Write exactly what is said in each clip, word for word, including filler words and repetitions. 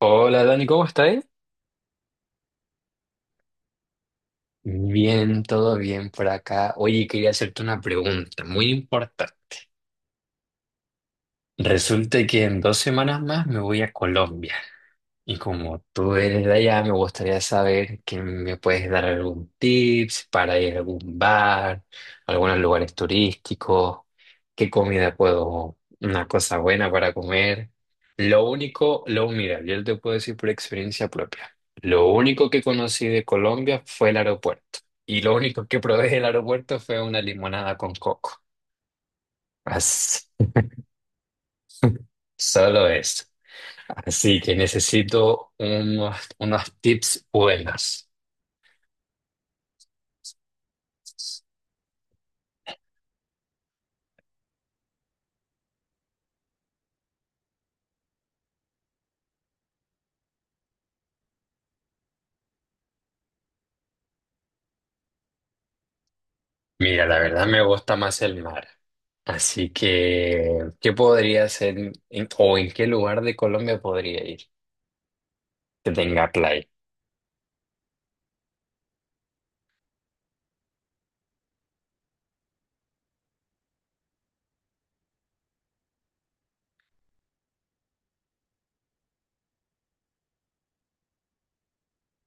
Hola Dani, ¿cómo estás? Bien, todo bien por acá. Oye, quería hacerte una pregunta muy importante. Resulta que en dos semanas más me voy a Colombia. Y como tú eres de allá, me gustaría saber que me puedes dar algún tips para ir a algún bar, algunos lugares turísticos, qué comida puedo, una cosa buena para comer. Lo único, lo mira, yo te puedo decir por experiencia propia. Lo único que conocí de Colombia fue el aeropuerto. Y lo único que probé del aeropuerto fue una limonada con coco. Así, solo eso. Así que necesito unos, unos tips buenos. Mira, la verdad me gusta más el mar. Así que, ¿qué podría hacer en- o en qué lugar de Colombia podría ir que tenga playa?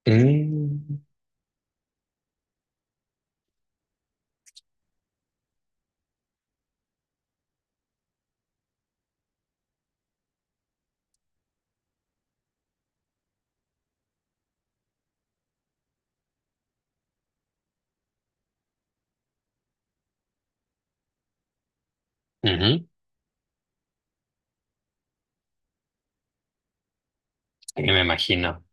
Mm, ujú, sí, me imagino.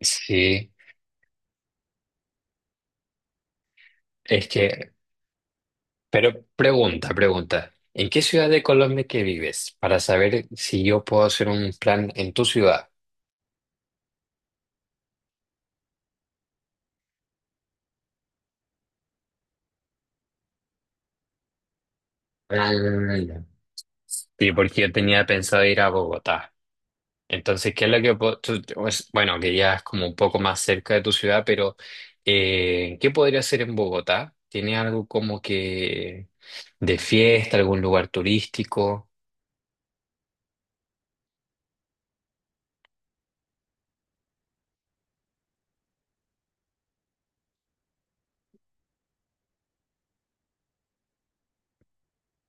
Sí, es que, pero pregunta, pregunta. ¿En qué ciudad de Colombia que vives? Para saber si yo puedo hacer un plan en tu ciudad. Ah, ya. Sí, porque yo tenía pensado ir a Bogotá. Entonces, ¿qué es lo que... po- tú- pues, bueno, que ya es como un poco más cerca de tu ciudad, pero eh, ¿qué podría hacer en Bogotá? ¿Tiene algo como que de fiesta, algún lugar turístico?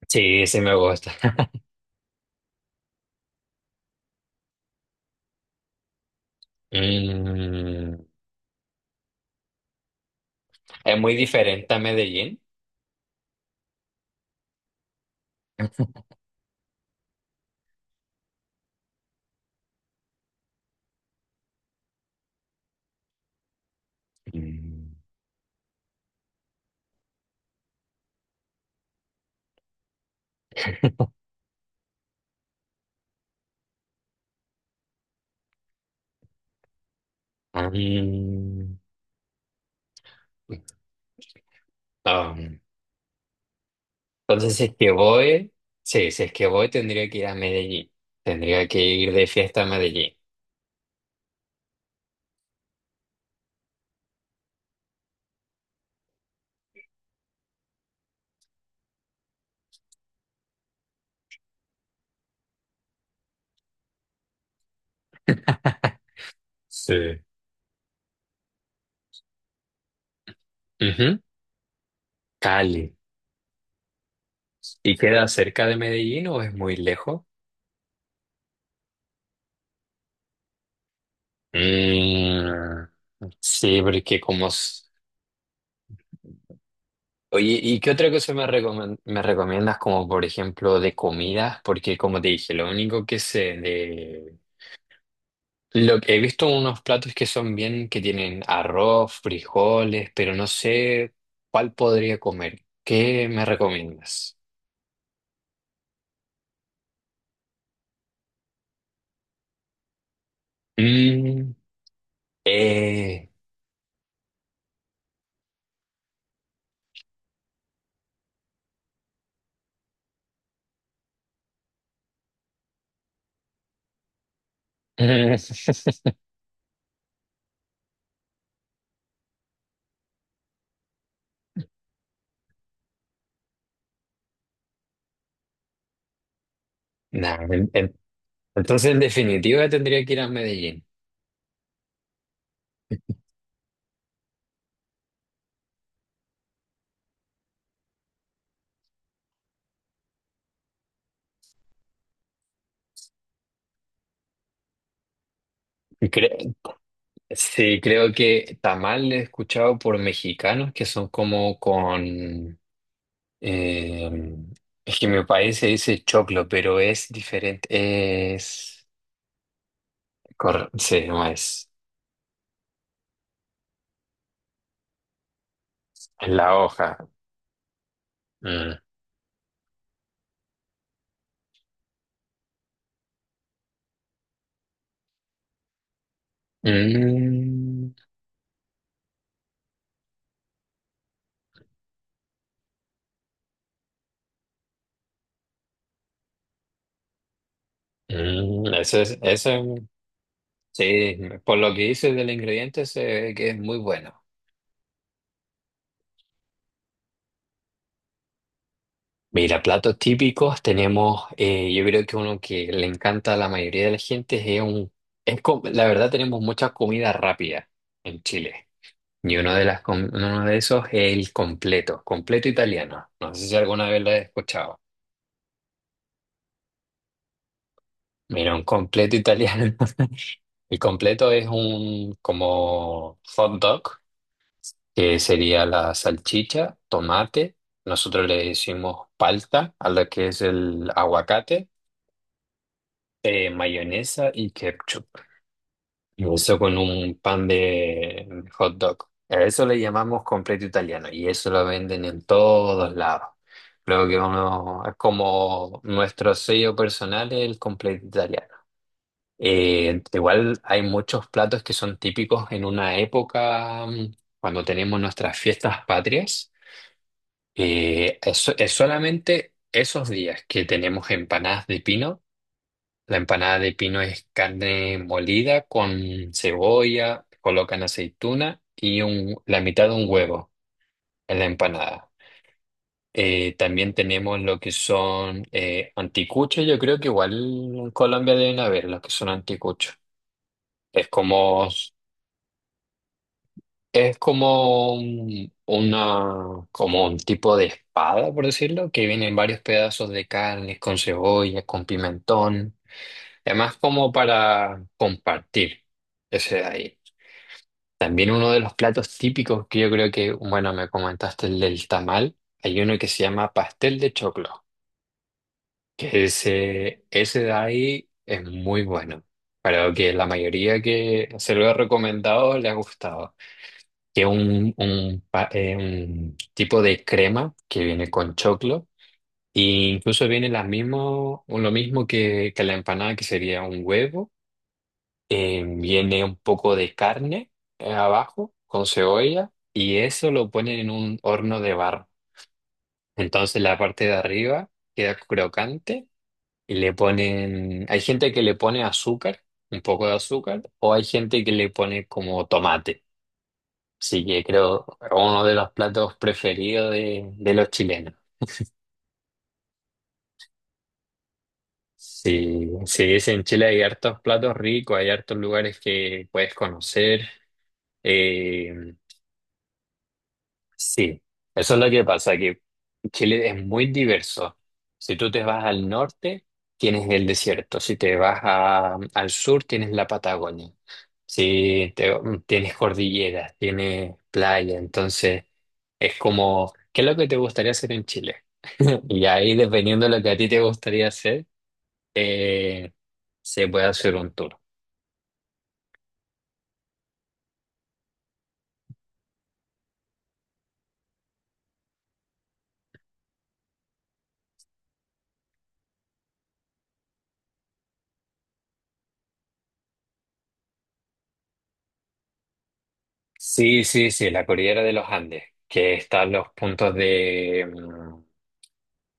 Sí, sí me gusta. Mm, es muy diferente a Medellín. Mm. Ah, mm. Ah, Entonces, si es que voy, sí, si es que voy, tendría que ir a Medellín. Tendría que ir de fiesta a Medellín. Sí. Ujú. Cali. ¿Y queda cerca de Medellín o es muy lejos? Mm, sí, porque como... s- oye, ¿y qué otra cosa me recomen- me recomiendas como por ejemplo de comidas? Porque como te dije, lo único que sé de... Lo que he visto unos platos que son bien, que tienen arroz, frijoles, pero no sé cuál podría comer. ¿Qué me recomiendas? Mm, eh. Nah, en- en- entonces en definitiva tendría que ir a Medellín. Cre- sí, creo que tamal he escuchado por mexicanos que son como con... eh, es que en mi país se dice choclo, pero es diferente. Es... cor- sí, no es. Es la hoja. Mm. Mm, mm, eso es... Eso es- Sí, por lo que dices del ingrediente, sé que es muy bueno. Mira, platos típicos tenemos, eh, yo creo que uno que le encanta a la mayoría de la gente es un, es com- la verdad tenemos mucha comida rápida en Chile y uno de las, com- uno de esos es el completo, completo italiano. No sé si alguna vez lo has escuchado. Mira, un completo italiano. El completo es un como hot dog, que sería la salchicha, tomate. Nosotros le decimos palta a lo que es el aguacate. Eh, mayonesa y ketchup. Y eso con un pan de hot dog. A eso le llamamos completo italiano y eso lo venden en todos lados. Creo que uno es como nuestro sello personal es el completo italiano. Eh, igual hay muchos platos que son típicos en una época, mm, cuando tenemos nuestras fiestas patrias. Eh, eso- es solamente esos días que tenemos empanadas de pino. La empanada de pino es carne molida con cebolla, colocan aceituna y un- la mitad de un huevo en la empanada. Eh, también tenemos lo que son eh, anticuchos, yo creo que igual en Colombia deben haber los que son anticuchos. Es como, es como un, una, como un tipo de espada, por decirlo, que vienen varios pedazos de carne con cebolla, con pimentón, además como para compartir ese de ahí. También uno de los platos típicos que yo creo que, bueno, me comentaste el del tamal, hay uno que se llama pastel de choclo, que ese, ese de ahí es muy bueno. Creo que la mayoría que se lo he recomendado le ha gustado. Que es un, un pa- eh, un tipo de crema que viene con choclo, e incluso viene la mismo, lo mismo que, que la empanada, que sería un huevo eh, viene un poco de carne eh, abajo con cebolla y eso lo ponen en un horno de barro. Entonces la parte de arriba queda crocante y le ponen, hay gente que le pone azúcar, un poco de azúcar, o hay gente que le pone como tomate. Así que creo uno de los platos preferidos de, de los chilenos. Sí, sí, es en Chile hay hartos platos ricos, hay hartos lugares que puedes conocer. Eh, Sí, eso es lo que pasa, que Chile es muy diverso. Si tú te vas al norte, tienes el desierto. Si te vas a- al sur, tienes la Patagonia. Si te- Tienes cordilleras, tienes playa. Entonces, es como, ¿qué es lo que te gustaría hacer en Chile? Y ahí, dependiendo de lo que a ti te gustaría hacer, eh, se puede hacer un tour. Sí, sí, sí, la cordillera de los Andes, que están los puntos de, mm,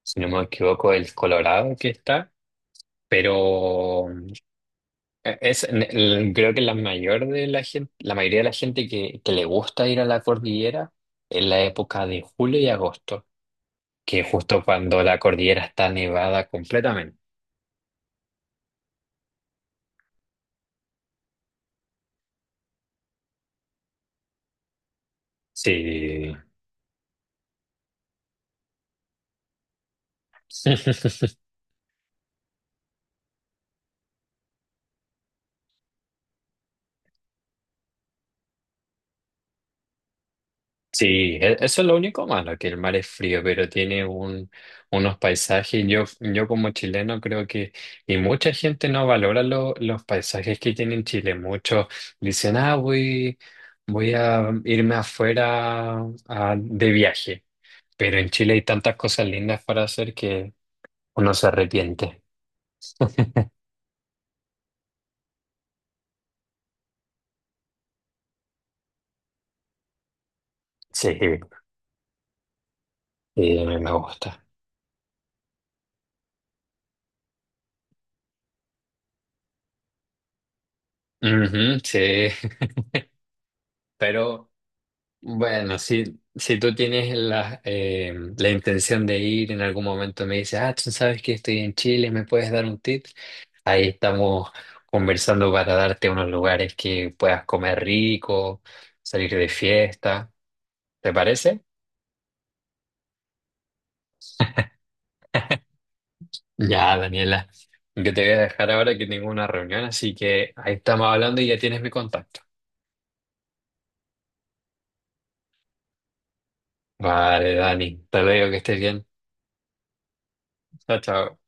si no me equivoco, el Colorado que está, pero eh, es, el- creo que la mayor de la gente, la mayoría de la gente que, que le gusta ir a la cordillera es la época de julio y agosto, que es justo cuando la cordillera está nevada completamente. Sí. Sí, e- eso es lo único malo, que el mar es frío, pero tiene un, unos paisajes. Yo, yo como chileno creo que, y mucha gente no valora lo- los paisajes que tiene Chile. Muchos dicen, ah, voy, voy a irme afuera a- de viaje. Pero en Chile hay tantas cosas lindas para hacer que uno se arrepiente. Sí, sí, me gusta. Ujú, sí, pero... Bueno, si, si tú tienes la, eh, la intención de ir en algún momento, me dices, ah, tú sabes que estoy en Chile, ¿me puedes dar un tip? Ahí estamos conversando para darte unos lugares que puedas comer rico, salir de fiesta. ¿Te parece? Ya, Daniela, yo te voy a dejar ahora que tengo una reunión, así que ahí estamos hablando y ya tienes mi contacto. Vale, Dani, te digo que estés bien. Chao, chao.